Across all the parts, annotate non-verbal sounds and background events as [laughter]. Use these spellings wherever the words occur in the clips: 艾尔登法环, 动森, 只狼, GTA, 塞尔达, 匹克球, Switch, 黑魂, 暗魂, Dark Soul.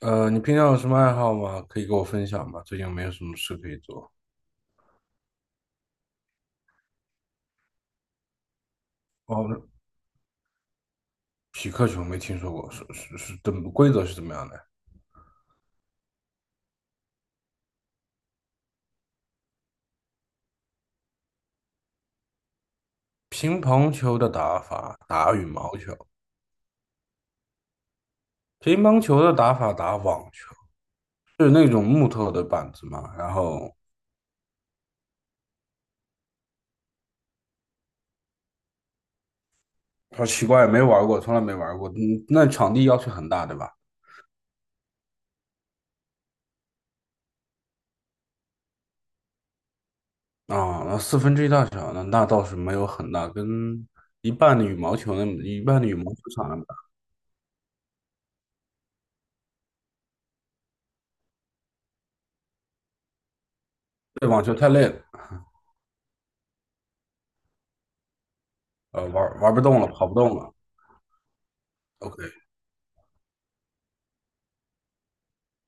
你平常有什么爱好吗？可以给我分享吗？最近有没有什么事可以做？哦，匹克球没听说过，是，怎么规则是怎么样的？乒乓球的打法打羽毛球，乒乓球的打法打网球，就是那种木头的板子嘛。然后好奇怪，没玩过，从来没玩过。嗯，那场地要求很大，对吧？啊，那四分之一大小，那倒是没有很大，跟一半的羽毛球场那么大。对，网球太累了，玩不动了，跑不动了。OK,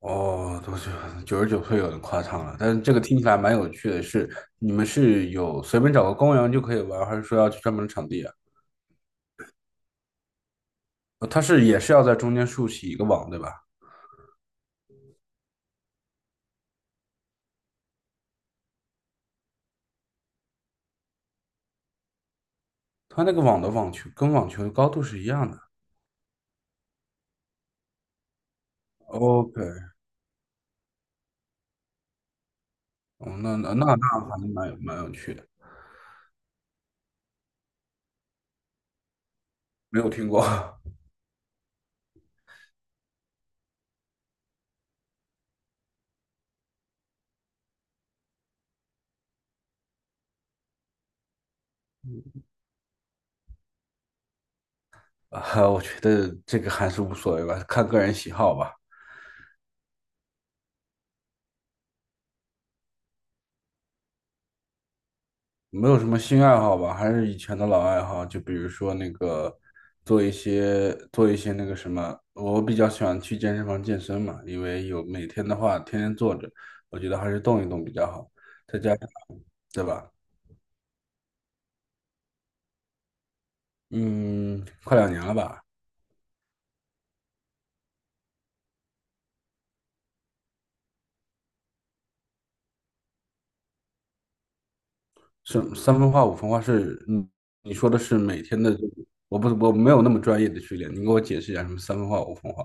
哦，多是九十九岁有点夸张了，但是这个听起来蛮有趣的是，你们是有随便找个公园就可以玩，还是说要去专门的场地啊？它是也是要在中间竖起一个网，对吧？它那个网的网球跟网球的高度是一样的。OK,哦那还是蛮有趣的，没有听过 [laughs] 啊，我觉得这个还是无所谓吧，看个人喜好吧。没有什么新爱好吧，还是以前的老爱好，就比如说那个做一些那个什么，我比较喜欢去健身房健身嘛，因为有每天的话天天坐着，我觉得还是动一动比较好，再加上对吧？嗯，快两年了吧？是三分化五分化是，嗯，你说的是每天的这个我没有那么专业的训练，你给我解释一下什么三分化五分化？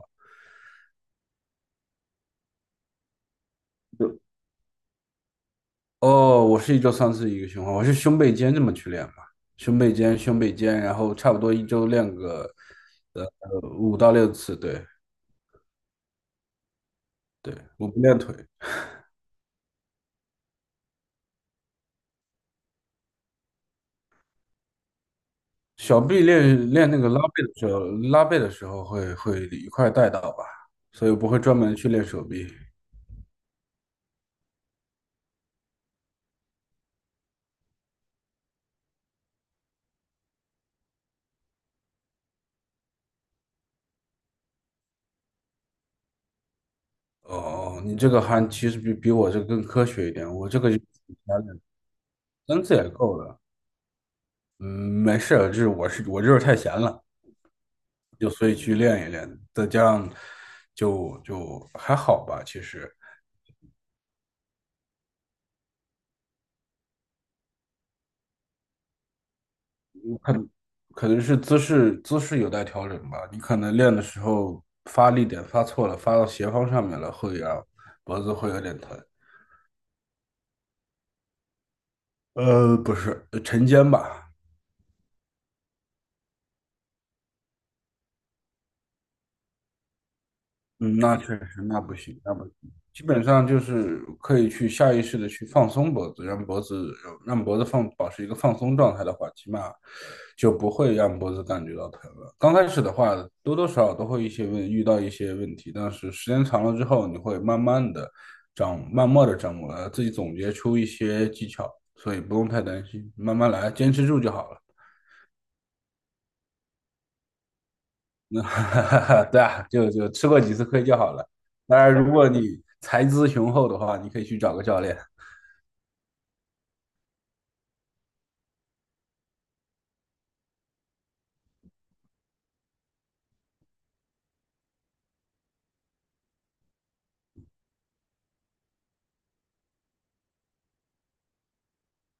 哦，我是一周三次一个循环，我是胸背肩这么去练嘛，胸背肩，然后差不多一周练个五到六次，对对，我不练腿，小臂练练那个拉背的时候，拉背的时候会一块儿带到吧，所以我不会专门去练手臂。哦，你这个还其实比我这个更科学一点，我这个就三次也够了。嗯，没事儿，就是我就是太闲了。就所以去练一练，再加上就还好吧，其实可可能是姿势有待调整吧，你可能练的时候发力点发错了，发到斜方上面了，会让脖子会有点疼。不是，沉肩吧，嗯，那确实，那不行。基本上就是可以去下意识的去放松脖子，让脖子保持一个放松状态的话，起码就不会让脖子感觉到疼了。刚开始的话，多多少少都会一些问遇到一些问题，但是时间长了之后，你会慢慢的慢慢的掌握了，自己总结出一些技巧，所以不用太担心，慢慢来，坚持住就好了。那 [laughs] 对啊，就吃过几次亏就好了。当然，如果你财资雄厚的话，你可以去找个教练。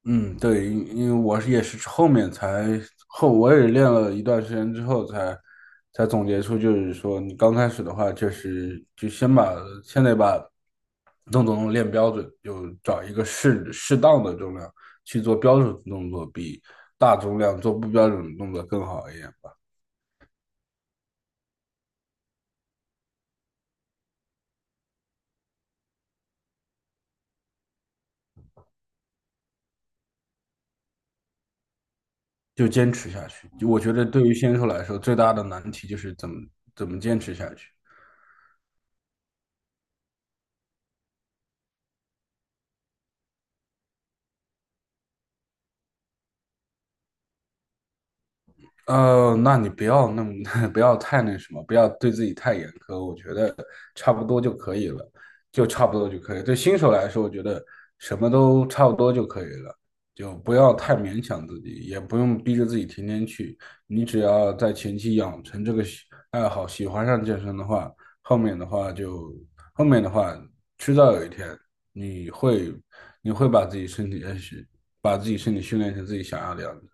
嗯，对，因为我是也是后面才我也练了一段时间之后才总结出，就是说你刚开始的话，就是就先得把动作能练标准，就找一个适当的重量去做标准动作，比大重量做不标准的动作更好一点。就坚持下去。就我觉得对于新手来说，最大的难题就是怎么坚持下去。呃，那你不要那么，[laughs] 不要太那什么，不要对自己太严苛，我觉得差不多就可以了，就差不多就可以。对新手来说，我觉得什么都差不多就可以了，就不要太勉强自己，也不用逼着自己天天去。你只要在前期养成这个爱好，喜欢上健身的话，后面的话就，后面的话,迟早有一天你会，你会把自己身体，把自己身体训练成自己想要的样子。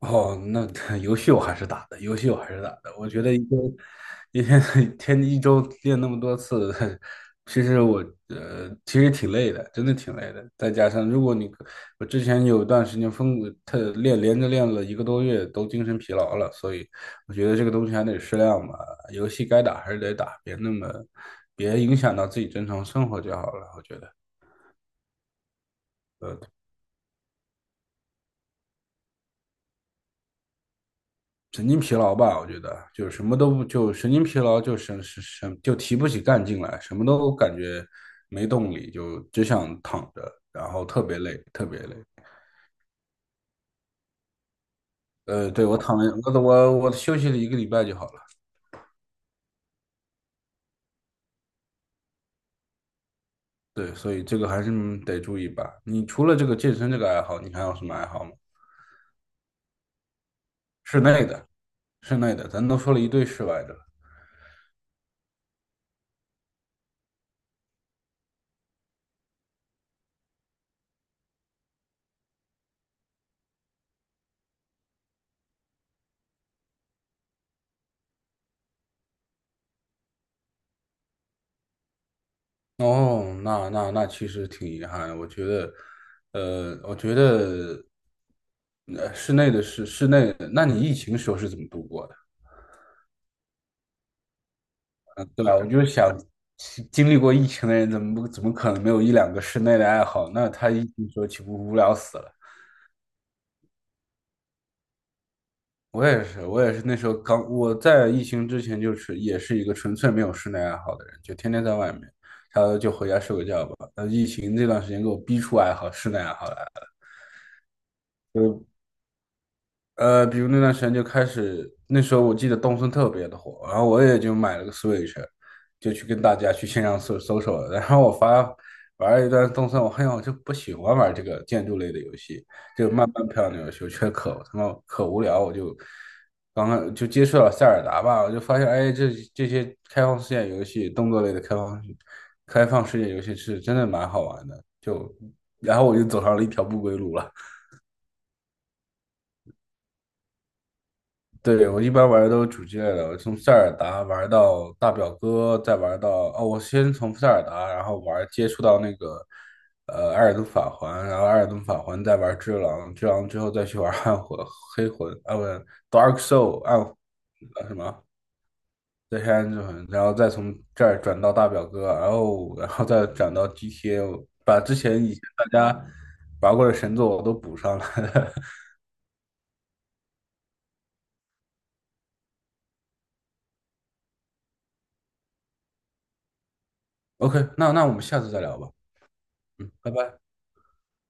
哦，那 [laughs] 游戏我还是打的，游戏我还是打的。我觉得一周一天 [laughs] 一周练那么多次，[laughs] 其实我其实挺累的，真的挺累的。再加上如果你我之前有段时间疯特练连着练了一个多月，都精神疲劳了，所以我觉得这个东西还得适量吧。游戏该打还是得打，别那么别影响到自己正常生活就好了，我觉得。神经疲劳吧，我觉得就是什么都不就神经疲劳就神神神就提不起干劲来，什么都感觉没动力，就只想躺着，然后特别累，特别累。呃，对，我躺了，我休息了一个礼拜就好了。对，所以这个还是得注意吧。你除了这个健身这个爱好，你还有什么爱好吗？室内的，室内的，咱都说了一堆室外的了哦，那其实挺遗憾的。我觉得，室内的那你疫情时候是怎么度过的？嗯，对吧？我就想，经历过疫情的人，怎么可能没有一两个室内的爱好？那他疫情时候岂不无聊死了？我也是，我也是那时候我在疫情之前就是也是一个纯粹没有室内爱好的人，就天天在外面，他就回家睡个觉吧。那疫情这段时间给我逼出室内爱好来了。呃，比如那段时间就开始，那时候我记得动森特别的火，然后我也就买了个 Switch,就去跟大家去线上搜索了。然后玩了一段动森，我发现我就不喜欢玩这个建筑类的游戏，就慢慢漂亮的游戏，我觉得可他妈可无聊，我刚刚就接触了塞尔达吧，我就发现，哎，这些开放世界游戏，动作类的开放开放世界游戏是真的蛮好玩的，然后我就走上了一条不归路了。对，我一般玩的都是主机类的，我从塞尔达玩到大表哥，再玩到哦，我先从塞尔达，然后接触到那个艾尔登法环，然后艾尔登法环再玩只狼，只狼之后再去玩[laughs] 黑魂啊，不是 Dark Soul 暗啊什么再黑暗之魂，然后再从这儿转到大表哥，然后再转到 GTA,把之前以前大家玩过的神作我都补上了。[laughs] OK,那我们下次再聊吧，嗯，拜拜。